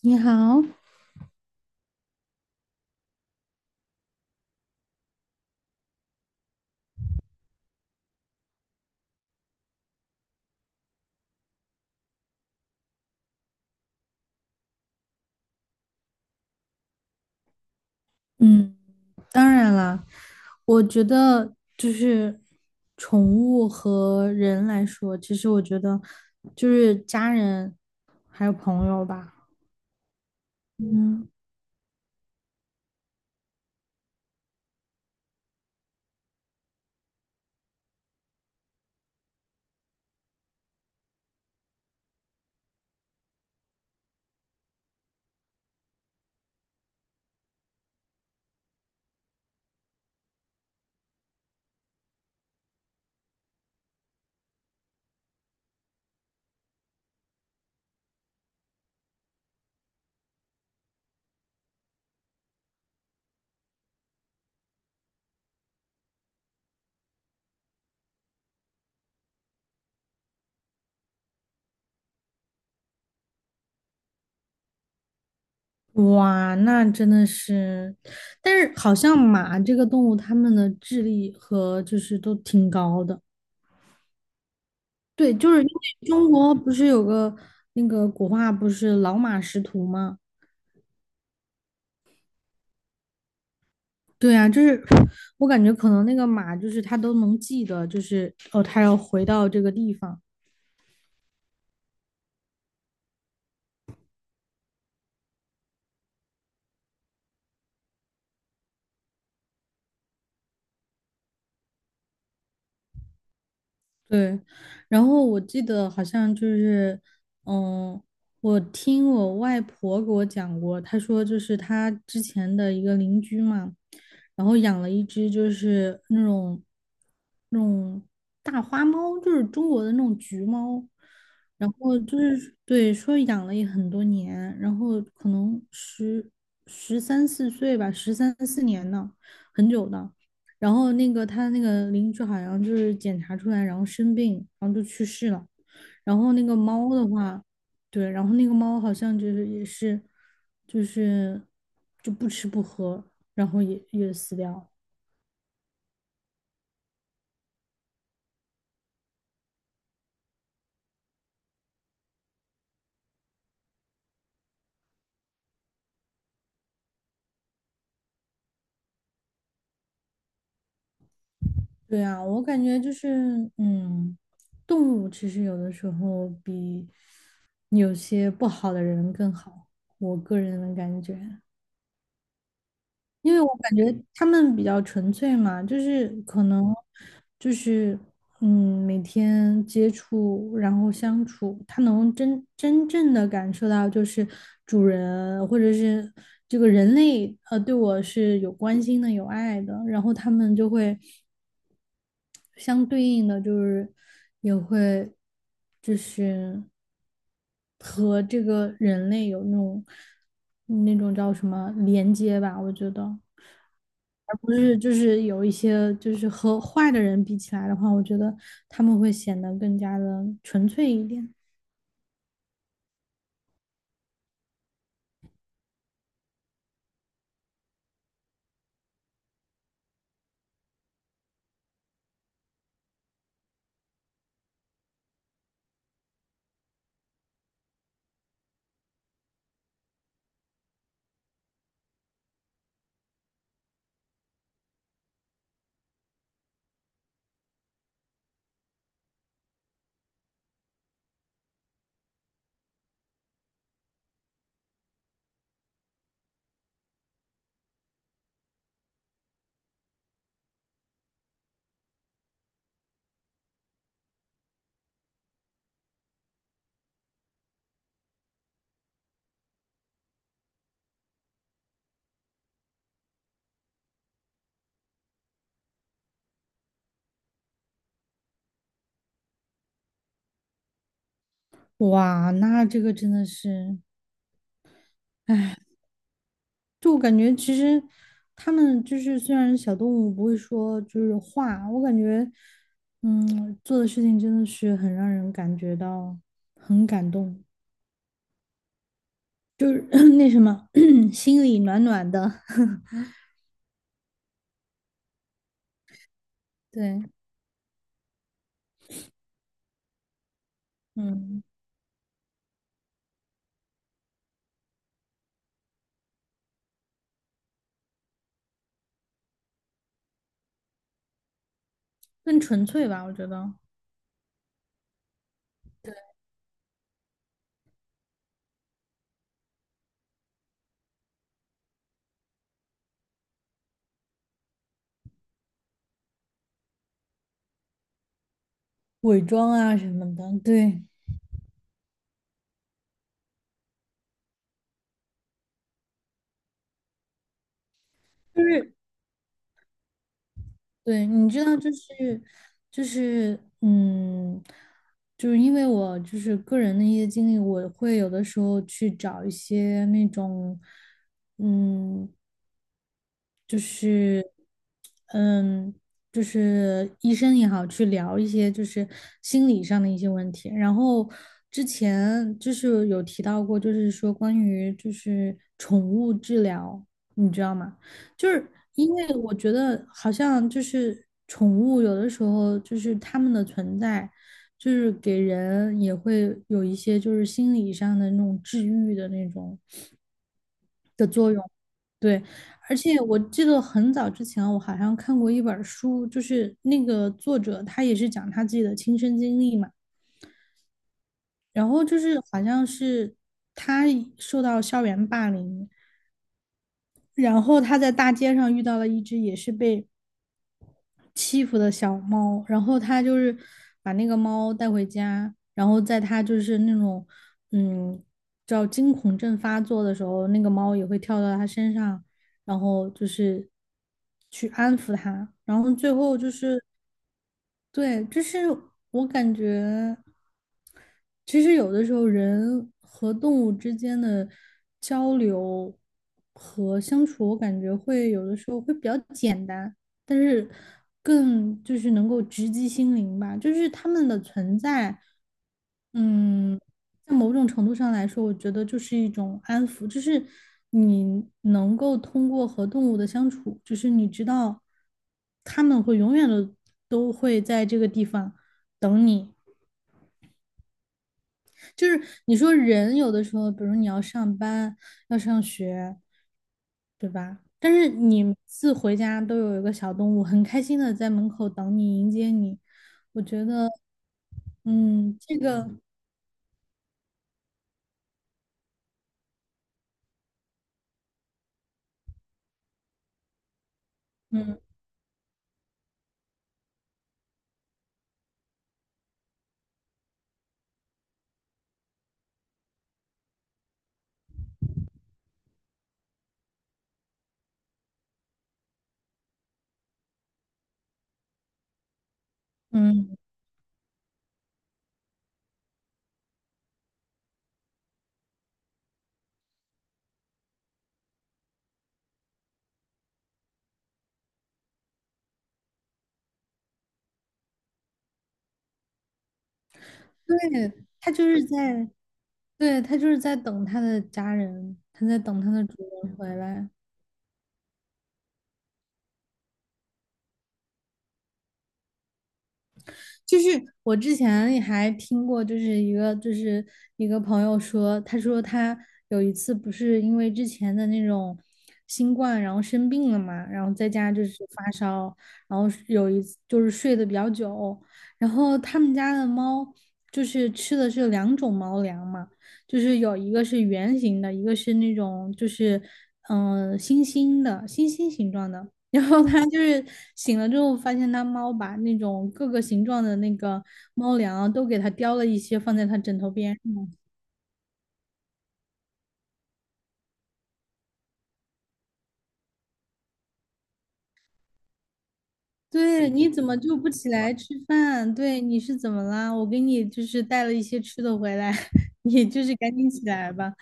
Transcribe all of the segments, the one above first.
你好。嗯，当然了。我觉得宠物和人来说，其实我觉得就是家人还有朋友吧。嗯，哇，那真的是，但是好像马这个动物，它们的智力和就是都挺高的。对，就是因为中国不是有个那个古话，不是老马识途吗？对啊，就是我感觉可能那个马就是他都能记得，就是哦，他要回到这个地方。对，然后我记得好像嗯，我听我外婆给我讲过。她说就是她之前的一个邻居嘛，然后养了一只就是那种大花猫，就是中国的那种橘猫。然后就是对，说养了也很多年，然后可能十三四岁吧，十三四年呢，很久的。然后那个他那个邻居好像就是检查出来，然后生病，然后就去世了。然后那个猫的话，对，然后那个猫好像就是也是，就是就不吃不喝，然后也死掉了。对啊，我感觉动物其实有的时候比有些不好的人更好，我个人的感觉。因为我感觉他们比较纯粹嘛，就是可能就是嗯，每天接触，然后相处，他能真真正的感受到，就是主人或者是这个人类，对我是有关心的、有爱的，然后他们就会。相对应的就是也会就是和这个人类有那种叫什么连接吧，我觉得。而不是就是有一些就是和坏的人比起来的话，我觉得他们会显得更加的纯粹一点。哇，那这个真的是。就我感觉，其实他们就是虽然小动物不会说就是话，我感觉，做的事情真的是很让人感觉到很感动，就是 那什么 心里暖暖的。对，嗯，更纯粹吧，我觉得伪装啊什么的。对，就是对，你知道，就是，嗯，就是因为我就是个人的一些经历，我会有的时候去找一些那种，嗯，就是，嗯，就是医生也好，去聊一些就是心理上的一些问题。然后之前就是有提到过，就是说关于就是宠物治疗，你知道吗？就是因为我觉得好像就是宠物有的时候就是它们的存在，就是给人也会有一些就是心理上的那种治愈的那种的作用。对，而且我记得很早之前我好像看过一本书，就是那个作者他也是讲他自己的亲身经历嘛。然后就是好像是他受到校园霸凌，然后他在大街上遇到了一只也是被欺负的小猫，然后他就是把那个猫带回家，然后在它就是那种嗯叫惊恐症发作的时候，那个猫也会跳到他身上，然后就是去安抚它，然后最后就是对，就是我感觉其实有的时候人和动物之间的交流和相处，我感觉会有的时候会比较简单。但是更就是能够直击心灵吧，就是他们的存在，嗯，在某种程度上来说，我觉得就是一种安抚。就是你能够通过和动物的相处，就是你知道他们会永远的都会在这个地方等你。就是你说人有的时候，比如你要上班，要上学。对吧？但是你每次回家都有一个小动物，很开心的在门口等你迎接你，我觉得，嗯，这个，嗯嗯，对。它就是在，对，它就是在等它的家人，它在等它的主人回来。就是我之前也还听过，就是一个一个朋友说。他说他有一次不是因为之前的那种新冠，然后生病了嘛，然后在家就是发烧，然后有一次就是睡得比较久，然后他们家的猫就是吃的是两种猫粮嘛，就是有一个是圆形的，一个是那种星星的星星形状的。然后他就是醒了之后，发现它猫把那种各个形状的那个猫粮啊都给它叼了一些，放在它枕头边上。对，你怎么就不起来吃饭？对，你是怎么啦？我给你就是带了一些吃的回来，你就是赶紧起来吧。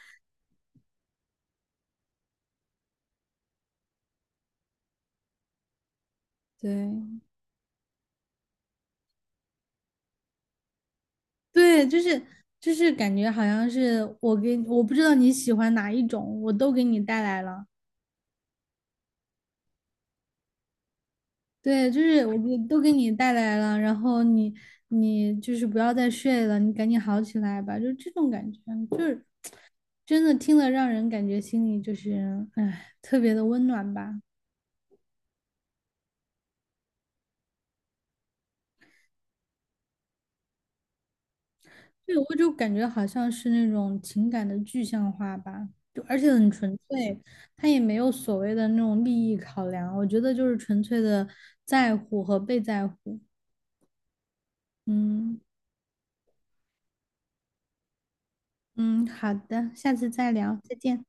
对，对，就是感觉好像是我给我不知道你喜欢哪一种，我都给你带来了。对，就是我给都给你带来了，然后你就是不要再睡了，你赶紧好起来吧，就这种感觉。就是真的听了让人感觉心里就是哎特别的温暖吧。对，我就感觉好像是那种情感的具象化吧，就而且很纯粹，他也没有所谓的那种利益考量，我觉得就是纯粹的在乎和被在乎。嗯嗯，好的，下次再聊，再见。